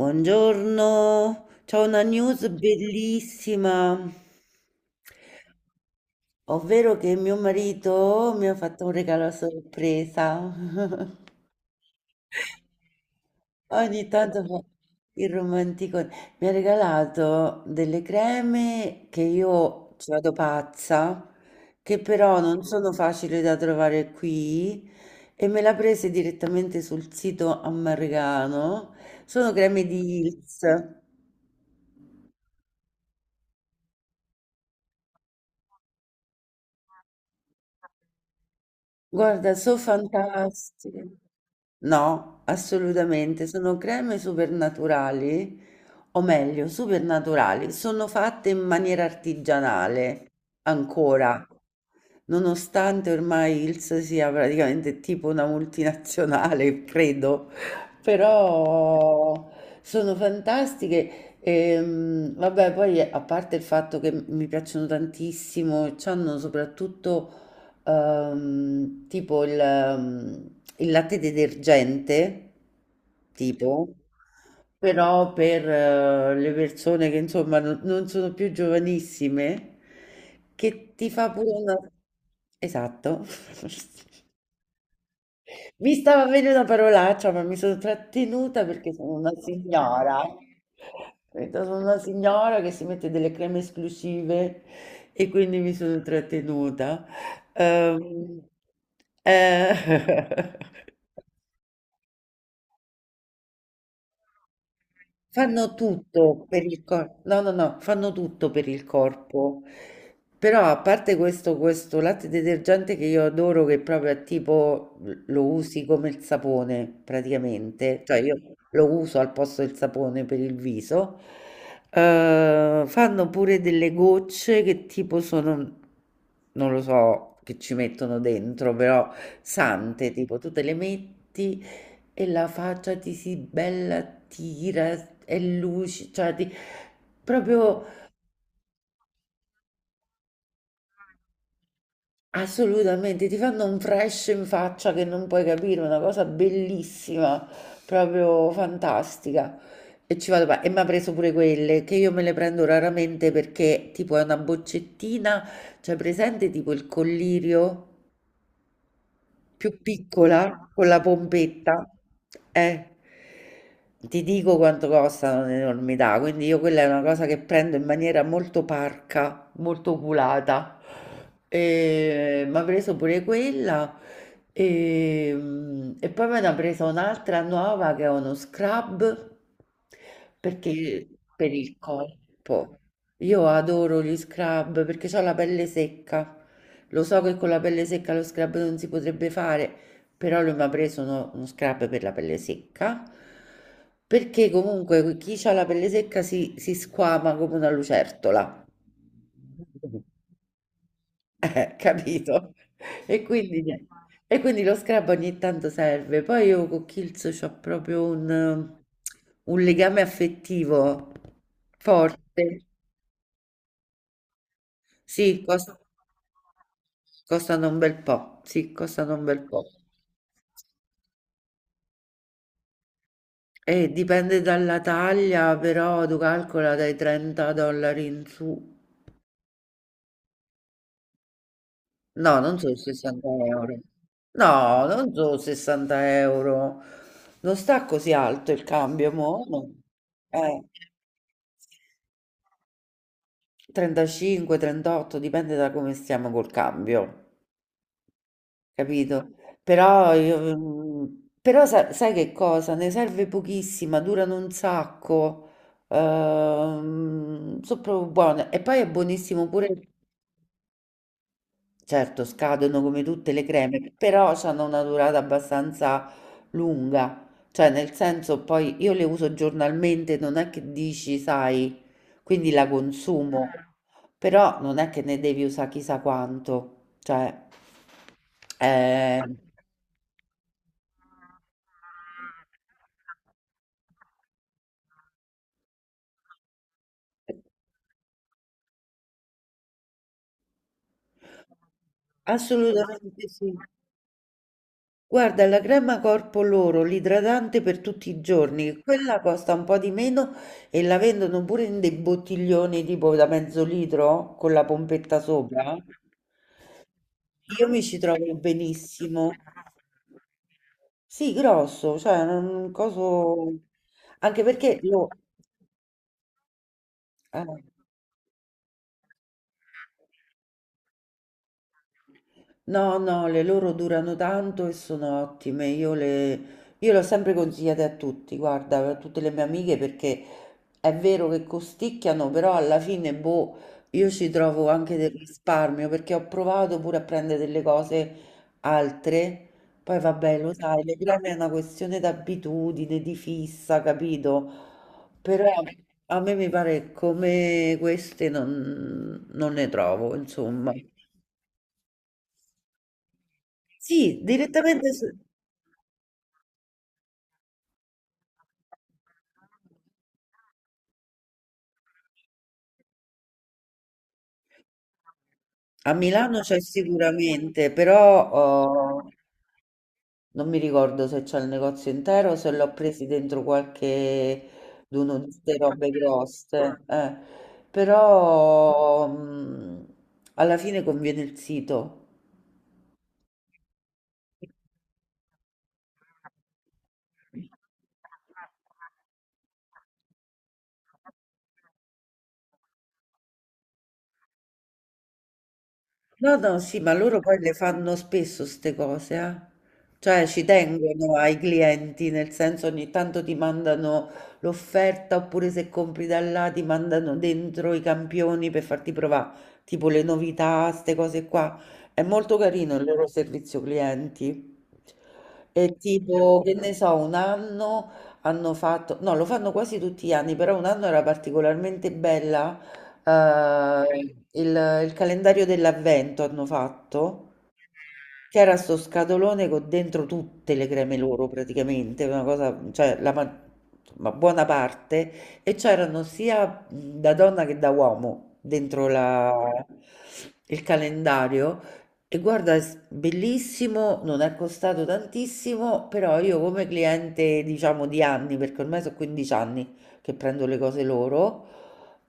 Buongiorno, c'ho una news bellissima, ovvero che mio marito mi ha fatto un regalo a sorpresa. Ogni tanto fa il romantico. Mi ha regalato delle creme che io ci vado pazza, che però non sono facili da trovare qui e me le ha prese direttamente sul sito Ammargano. Sono creme di Hils. Guarda, so' fantastiche. No, assolutamente, sono creme supernaturali, o meglio supernaturali, sono fatte in maniera artigianale ancora, nonostante ormai Hill's sia praticamente tipo una multinazionale, credo, però sono fantastiche. Vabbè, poi a parte il fatto che mi piacciono tantissimo, c'hanno soprattutto tipo il latte detergente, tipo, però per le persone che insomma non sono più giovanissime, che ti fa pure una... Esatto. Mi stava venendo una parolaccia, ma mi sono trattenuta perché sono una signora. Capito? Sono una signora che si mette delle creme esclusive e quindi mi sono trattenuta. Ehm, eh, Fanno tutto per il corpo, no, no, no, fanno tutto per il corpo. Però a parte questo latte detergente che io adoro, che proprio è tipo lo usi come il sapone praticamente, cioè io lo uso al posto del sapone per il viso, fanno pure delle gocce che tipo sono, non lo so, che ci mettono dentro, però sante, tipo tu te le metti e la faccia ti si bella tira, è lucida, cioè ti, proprio assolutamente ti fanno un fresh in faccia che non puoi capire, una cosa bellissima, proprio fantastica. E ci vado, e mi ha preso pure quelle che io me le prendo raramente perché tipo è una boccettina, cioè presente tipo il collirio. Più piccola con la pompetta, eh, ti dico quanto costano un'enormità, quindi io quella è una cosa che prendo in maniera molto parca, molto oculata. E mi ha preso pure quella e poi me ne ha presa un'altra nuova che è uno scrub perché per il corpo. Io adoro gli scrub perché ho la pelle secca. Lo so che con la pelle secca lo scrub non si potrebbe fare, però lui mi ha preso uno scrub per la pelle secca, perché comunque chi ha la pelle secca si squama come una lucertola. Capito? E quindi, niente. E quindi lo scrub ogni tanto serve. Poi io con Kills ho proprio un legame affettivo forte. Sì, costano un bel po', sì, costano un bel po'. E dipende dalla taglia, però tu calcola dai 30 dollari in su. No, non sono 60 euro. No, non sono 60 euro. Non sta così alto il cambio, mo, no. Eh, 35, 38, dipende da come stiamo col cambio. Capito? Però io, mm, però sai che cosa? Ne serve pochissima, durano un sacco, sono proprio buone. E poi è buonissimo pure, certo, scadono come tutte le creme, però hanno una durata abbastanza lunga. Cioè, nel senso, poi io le uso giornalmente, non è che dici, sai, quindi la consumo, però non è che ne devi usare chissà quanto. Cioè, eh, assolutamente sì. Guarda, la crema corpo loro, l'idratante per tutti i giorni, quella costa un po' di meno e la vendono pure in dei bottiglioni tipo da mezzo litro con la pompetta sopra. Io mi ci trovo benissimo. Sì, grosso, cioè un coso. Anche perché lo. eh. No, no, le loro durano tanto e sono ottime. Io le ho sempre consigliate a tutti, guarda, a tutte le mie amiche, perché è vero che costicchiano, però alla fine, boh, io ci trovo anche del risparmio, perché ho provato pure a prendere delle cose altre. Poi vabbè, lo sai, le creme è una questione d'abitudine, di fissa, capito? Però a me mi pare come queste non ne trovo, insomma. Sì, direttamente a Milano c'è sicuramente, però oh, non mi ricordo se c'è il negozio intero o se l'ho presi dentro qualche d'uno di queste robe grosse. Però alla fine conviene il sito. No, no, sì, ma loro poi le fanno spesso queste cose, eh. Cioè ci tengono ai clienti, nel senso ogni tanto ti mandano l'offerta oppure se compri da là ti mandano dentro i campioni per farti provare, tipo le novità, queste cose qua. È molto carino il loro servizio clienti. E tipo, che ne so, un anno hanno fatto, no, lo fanno quasi tutti gli anni, però un anno era particolarmente bella eh, il, il calendario dell'avvento hanno fatto c'era sto scatolone con dentro tutte le creme loro praticamente, una cosa, cioè la ma insomma, buona parte, e c'erano sia da donna che da uomo dentro il calendario. E guarda, è bellissimo, non è costato tantissimo, però io come cliente, diciamo, di anni, perché ormai sono 15 anni che prendo le cose loro,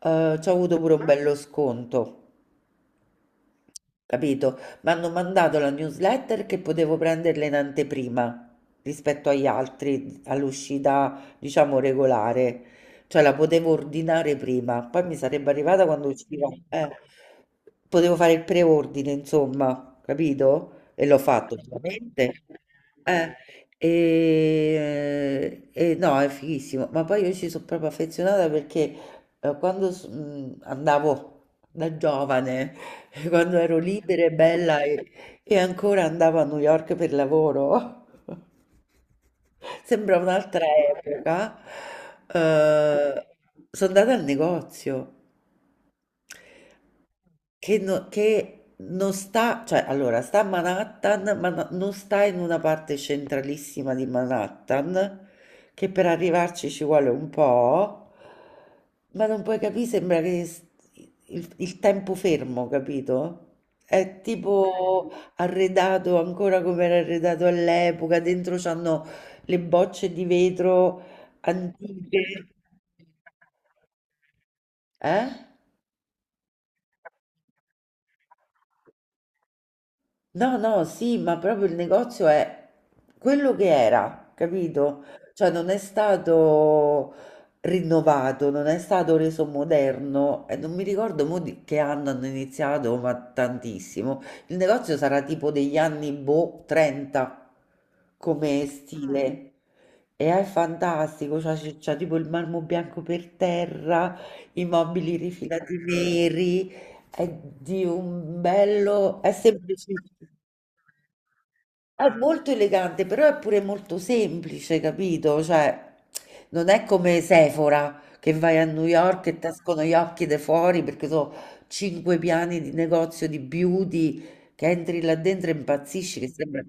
ci ho avuto pure un bello sconto. Capito? Mi hanno mandato la newsletter che potevo prenderla in anteprima rispetto agli altri, all'uscita, diciamo, regolare. Cioè la potevo ordinare prima, poi mi sarebbe arrivata quando usciva. Potevo fare il preordine, insomma, capito? E l'ho fatto, ovviamente. Eh, e no, è fighissimo. Ma poi io ci sono proprio affezionata perché quando andavo da giovane quando ero libera e bella e ancora andavo a New York per lavoro. Sembra un'altra epoca. Eh, sono andata al negozio che, che non sta, cioè allora sta a Manhattan, ma non sta in una parte centralissima di Manhattan, che per arrivarci ci vuole un po', ma non puoi capire, sembra che il tempo fermo, capito? È tipo arredato ancora come era arredato all'epoca, dentro c'hanno le bocce di vetro antiche, eh? No, no, sì, ma proprio il negozio è quello che era, capito? Cioè non è stato rinnovato, non è stato reso moderno e non mi ricordo mo di che anno hanno iniziato, ma tantissimo. Il negozio sarà tipo degli anni boh, 30 come ah, stile. E è fantastico, c'ha tipo il marmo bianco per terra, i mobili rifilati neri, è di un bello, è semplice. È molto elegante, però è pure molto semplice, capito? Cioè, non è come Sephora che vai a New York e ti escono gli occhi da fuori perché sono cinque piani di negozio di beauty che entri là dentro e impazzisci, che sembra...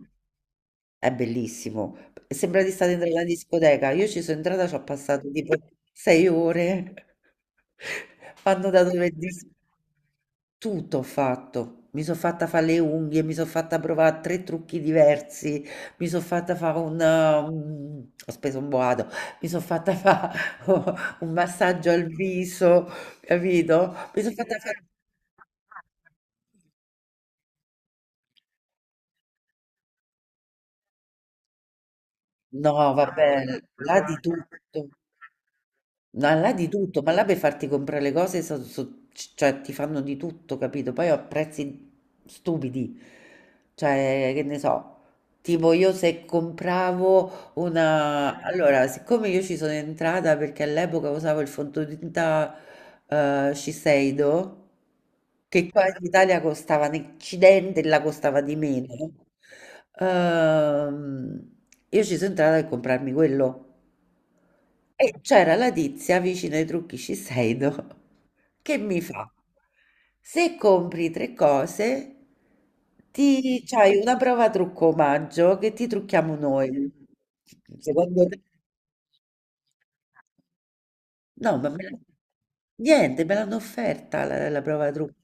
È bellissimo. Sembra di stare dentro la discoteca. Io ci sono entrata, ci ho passato tipo 6 ore. Hanno dato per tutto ho fatto. Mi sono fatta fare le unghie, mi sono fatta provare tre trucchi diversi, mi sono fatta fare ho speso un boato, mi sono fatta fare un massaggio al viso, capito? Mi sono fatta fare... No, va bene, là di tutto. No, là di tutto, ma là per farti comprare le cose, cioè ti fanno di tutto, capito? Poi a prezzi stupidi, cioè che ne so, tipo io se compravo una... Allora, siccome io ci sono entrata perché all'epoca usavo il fondotinta Shiseido, che qua in Italia costava un accidente, là costava di meno, ehm, io ci sono entrata per comprarmi quello. E c'era la tizia vicino ai trucchi Shiseido che mi fa, se compri tre cose, ti c'hai una prova trucco omaggio che ti trucchiamo noi. Secondo te? No, ma niente, me l'hanno offerta la prova trucco.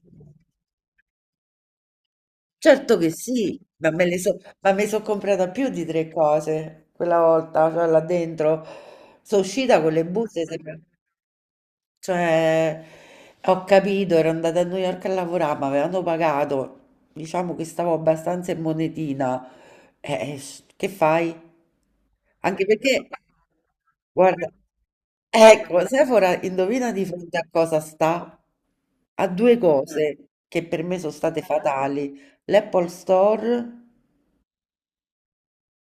Certo che sì, ma me le so, ma mi sono comprata più di tre cose quella volta, cioè là dentro. Sono uscita con le buste, sembra. Cioè, ho capito, ero andata a New York a lavorare, mi avevano pagato, diciamo che stavo abbastanza in monetina. Che fai? Anche perché, guarda, ecco, Sephora, indovina di fronte a cosa sta? A due cose che per me sono state fatali, l'Apple Store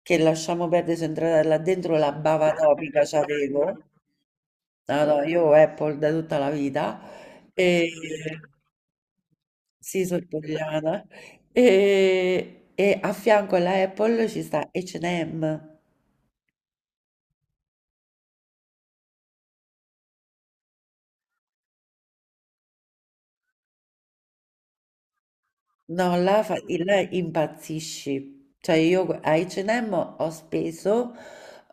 che lasciamo perdere, sono entrata là dentro la bava topica c'avevo. No, no, io Apple da tutta la vita. E... Sì, sono italiana. E a fianco alla Apple ci sta H&M. No, là, là impazzisci. Cioè io a H&M ho speso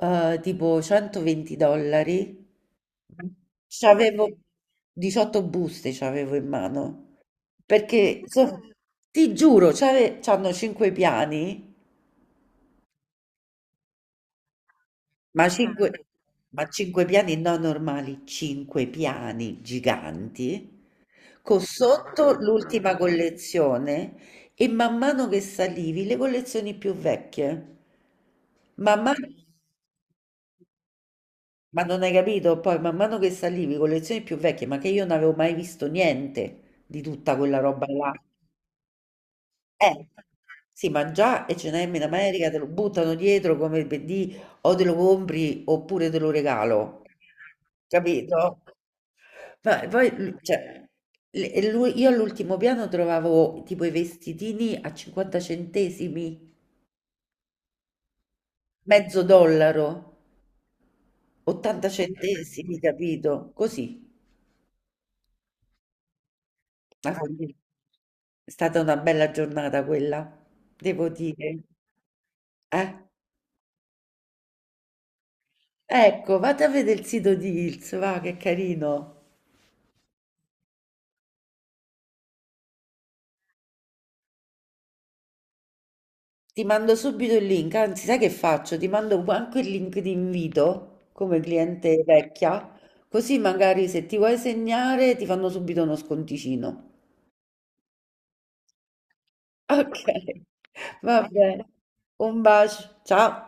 tipo 120 dollari. C'avevo 18 buste, c'avevo in mano. Perché ti giuro, c'hanno 5 piani, ma 5, ma 5 piani non normali, 5 piani giganti. Con sotto l'ultima collezione e man mano che salivi le collezioni più vecchie. Man mano, ma non hai capito? Poi man mano che salivi collezioni più vecchie, ma che io non avevo mai visto niente di tutta quella roba là. Eh, sì, ma già H&M in America te lo buttano dietro come per dì, o te lo compri oppure te lo regalo, capito? Ma poi, io all'ultimo piano trovavo tipo i vestitini a 50 centesimi, mezzo dollaro, 80 centesimi, capito? Così. Ma quindi è stata una bella giornata quella, devo dire. Eh? Ecco, vado a vedere il sito di Hills, va, che carino. Ti mando subito il link, anzi, sai che faccio? Ti mando anche il link di invito come cliente vecchia, così magari se ti vuoi segnare ti fanno subito uno sconticino. Ok, va bene. Un bacio, ciao.